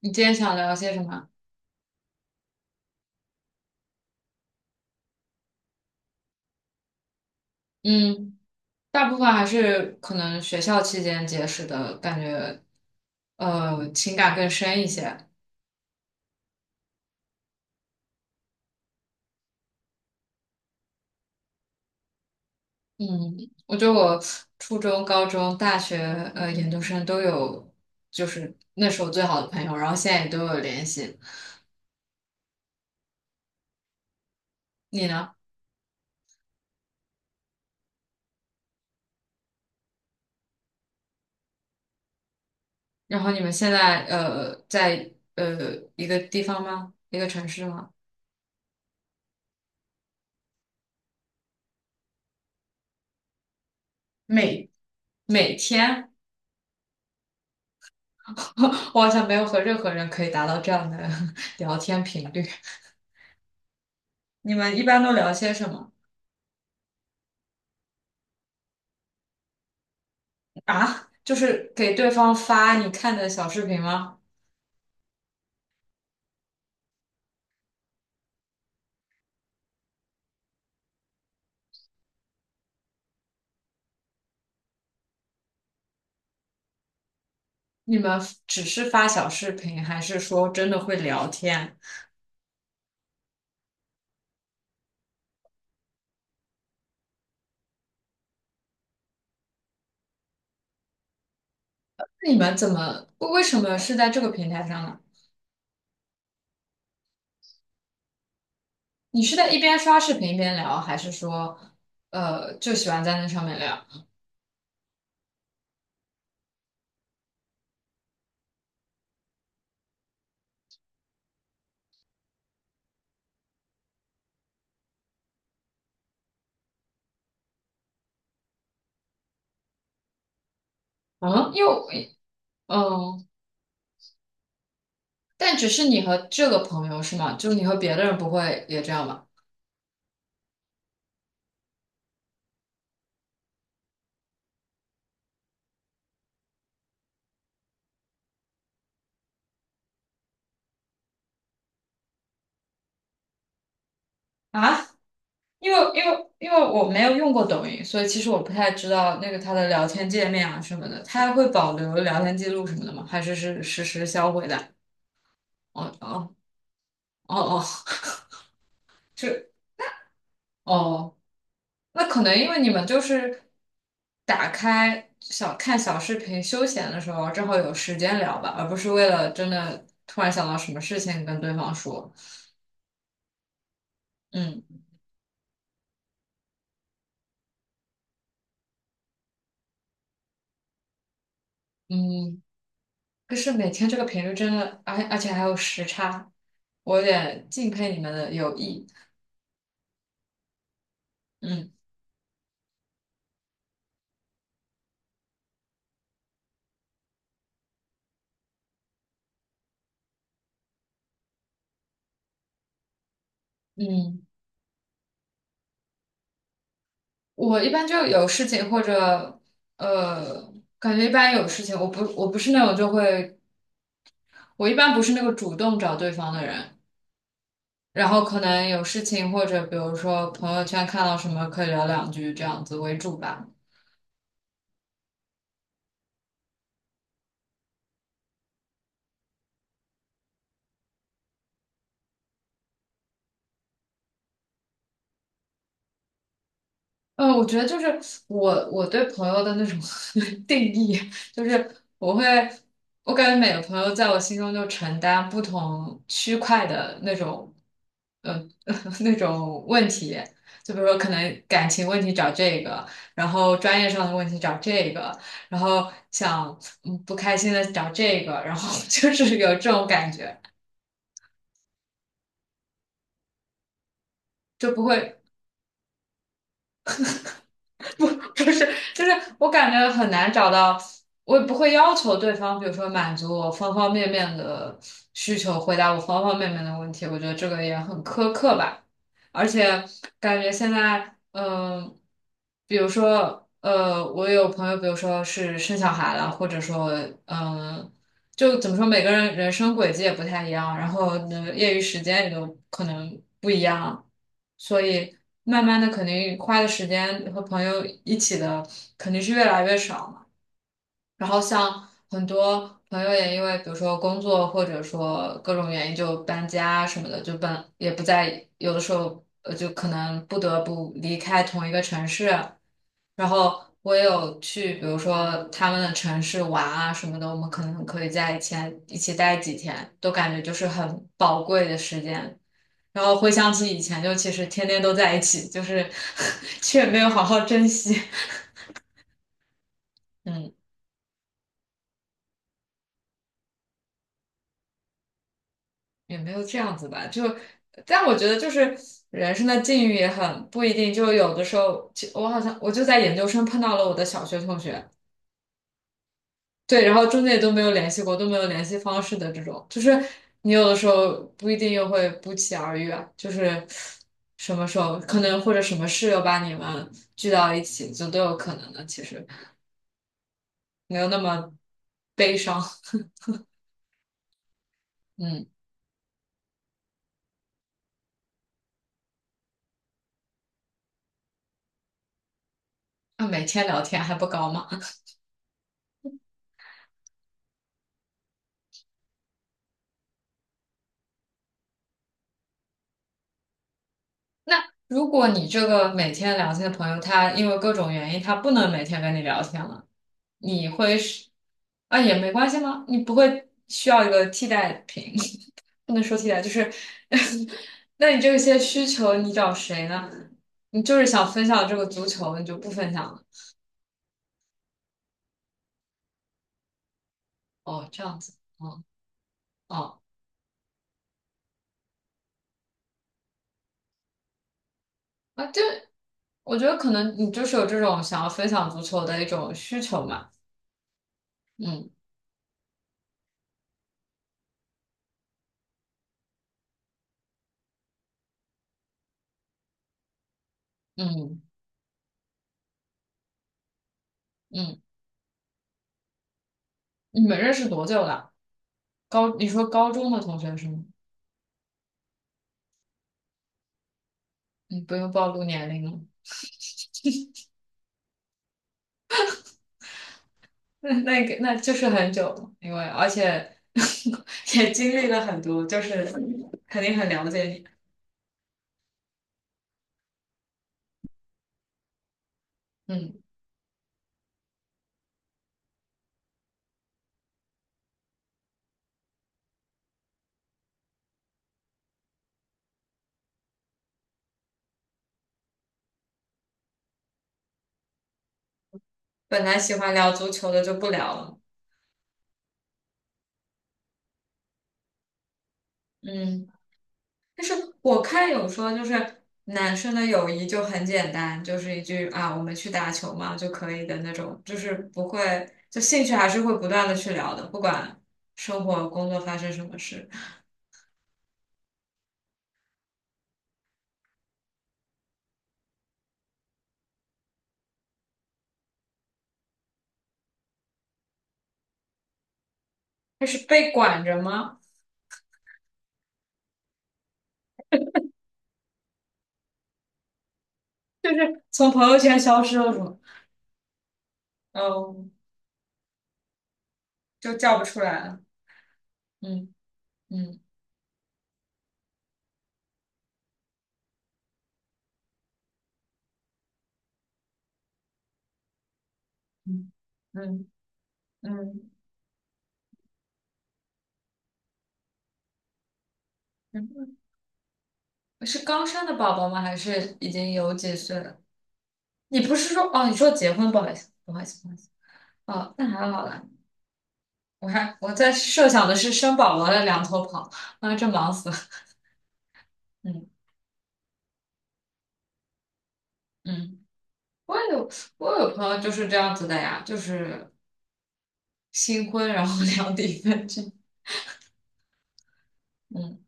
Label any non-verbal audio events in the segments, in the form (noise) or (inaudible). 你今天想聊些什么？嗯，大部分还是可能学校期间结识的感觉，情感更深一些。嗯，我觉得我初中、高中、大学、研究生都有，就是那时候最好的朋友，然后现在也都有联系。你呢？然后你们现在在一个地方吗？一个城市吗？每每天，(laughs) 我好像没有和任何人可以达到这样的 (laughs) 聊天频率。你们一般都聊些什么啊？就是给对方发你看的小视频吗？你们只是发小视频，还是说真的会聊天？那你们怎么，为什么是在这个平台上呢？你是在一边刷视频一边聊，还是说，就喜欢在那上面聊？嗯，又，嗯，但只是你和这个朋友是吗？就是你和别的人不会也这样吗？啊？因为我没有用过抖音，所以其实我不太知道那个它的聊天界面啊什么的，它会保留聊天记录什么的吗？还是是实时销毁的？哦哦哦哦，(laughs) 就哦，那可能因为你们就是打开小看小视频休闲的时候，正好有时间聊吧，而不是为了真的突然想到什么事情跟对方说。嗯嗯，可是每天这个频率真的，而且还有时差，我有点敬佩你们的友谊。嗯嗯，我一般就有事情或者呃，感觉一般有事情，我不是那种就会，我一般不是那个主动找对方的人，然后可能有事情或者比如说朋友圈看到什么可以聊两句这样子为主吧。嗯，我觉得就是我对朋友的那种 (laughs) 定义，就是我会，我感觉每个朋友在我心中就承担不同区块的那种，嗯、呃 (laughs) 那种问题，就比如说可能感情问题找这个，然后专业上的问题找这个，然后想不开心的找这个，然后 (laughs) 就是有这种感觉。就不会。(laughs) 就是就是我感觉很难找到，我也不会要求对方，比如说满足我方方面面的需求，回答我方方面面的问题，我觉得这个也很苛刻吧。而且感觉现在，比如说，我有朋友，比如说是生小孩了，或者说，嗯、就怎么说，每个人人生轨迹也不太一样，然后呢，业余时间也都可能不一样，所以慢慢的肯定花的时间和朋友一起的肯定是越来越少嘛。然后像很多朋友也因为比如说工作或者说各种原因就搬家什么的，就搬也不在，有的时候就可能不得不离开同一个城市。然后我也有去，比如说他们的城市玩啊什么的，我们可能可以在以前一起待几天，都感觉就是很宝贵的时间。然后回想起以前，就其实天天都在一起，就是 (laughs) 却没有好好珍惜。嗯，也没有这样子吧，就，但我觉得就是人生的境遇也很不一定，就有的时候，其我好像我就在研究生碰到了我的小学同学，对，然后中间也都没有联系过，都没有联系方式的这种，就是你有的时候不一定又会不期而遇啊，就是什么时候可能或者什么事又把你们聚到一起，就都有可能的。其实没有那么悲伤，(laughs) 嗯，那每天聊天还不高吗？(laughs) 那如果你这个每天聊天的朋友，他因为各种原因，他不能每天跟你聊天了，你会是啊也没关系吗？你不会需要一个替代品？不能说题了，就是，(laughs) 那你这些需求你找谁呢？你就是想分享这个足球，你就不分享了？哦，这样子，哦哦，啊，这我觉得可能你就是有这种想要分享足球的一种需求嘛。嗯嗯嗯，你们认识多久了？你说高中的同学是吗？你不用暴露年龄了，(laughs) 那那就是很久了，因为而且 (laughs) 也经历了很多，就是肯定很了解你。嗯。本来喜欢聊足球的就不聊了。嗯，但是我看有说，就是男生的友谊就很简单，就是一句啊，我们去打球嘛就可以的那种，就是不会，就兴趣还是会不断的去聊的，不管生活、工作发生什么事。但是被管着吗？从朋友圈消失了是吗？嗯，就叫不出来了。嗯嗯嗯嗯嗯嗯，是刚生的宝宝吗？还是已经有几岁了？你不是说哦？你说结婚，不好意思，不好意思，不好意思。哦，那还好了，我在设想的是生宝宝的两头跑，啊，这忙死了。嗯嗯，我也有我有朋友就是这样子的呀，就是新婚然后 (laughs) 两地分居。嗯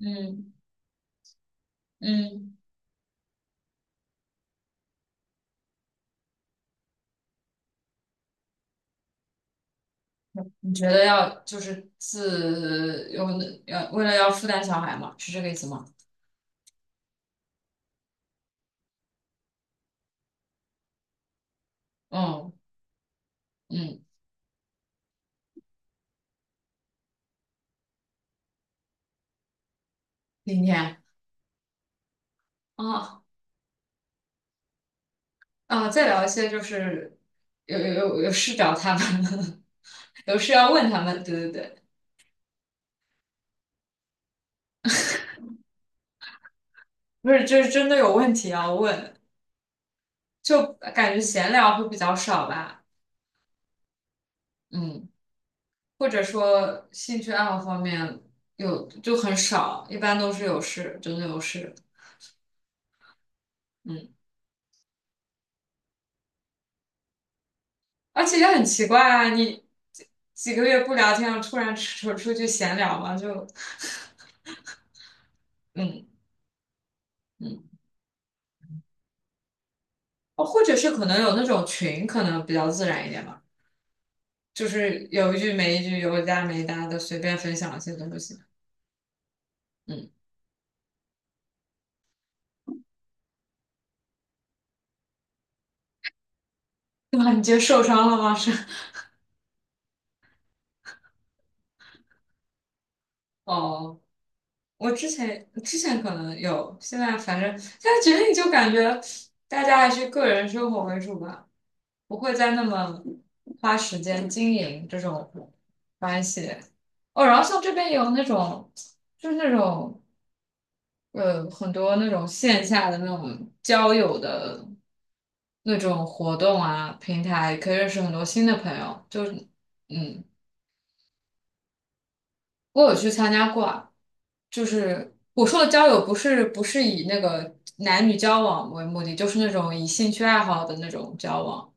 嗯嗯，你觉得要就是自有要为了要负担小孩吗？是这个意思吗？嗯嗯，明天。哦啊，再聊一些就是有事找他们，(laughs) 有事要问他们，对对对，不是，就是真的有问题要问，就感觉闲聊会比较少吧，嗯，或者说兴趣爱好方面有就很少，一般都是有事，真的有事，嗯，而且也很奇怪啊，你几几个月不聊天了，突然出去闲聊嘛，就嗯嗯，哦，或者是可能有那种群，可能比较自然一点吧。就是有一句没一句，有搭没搭的，随便分享一些东西。嗯，对吧？你觉得受伤了吗？是，(laughs) 哦，我之前可能有，现在反正现在决定就感觉大家还是个人生活为主吧，不会再那么花时间经营这种关系。哦，然后像这边有那种，就是那种。很多那种线下的那种交友的那种活动啊，平台可以认识很多新的朋友。就是，嗯，我有去参加过啊，就是我说的交友不是以那个男女交往为目的，就是那种以兴趣爱好的那种交往，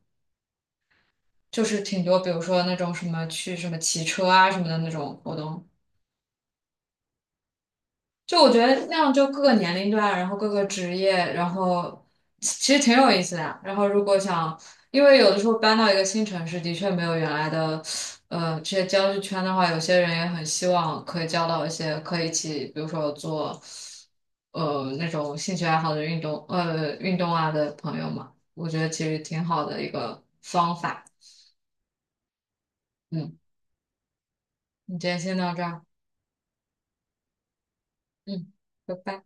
就是挺多，比如说那种什么去什么骑车啊什么的那种活动。就我觉得那样，就各个年龄段，然后各个职业，然后其其实挺有意思的。然后如果想，因为有的时候搬到一个新城市，的确没有原来的这些交际圈的话，有些人也很希望可以交到一些可以一起，比如说做那种兴趣爱好的运动啊的朋友嘛。我觉得其实挺好的一个方法。嗯，你今天先到这儿，嗯，拜拜。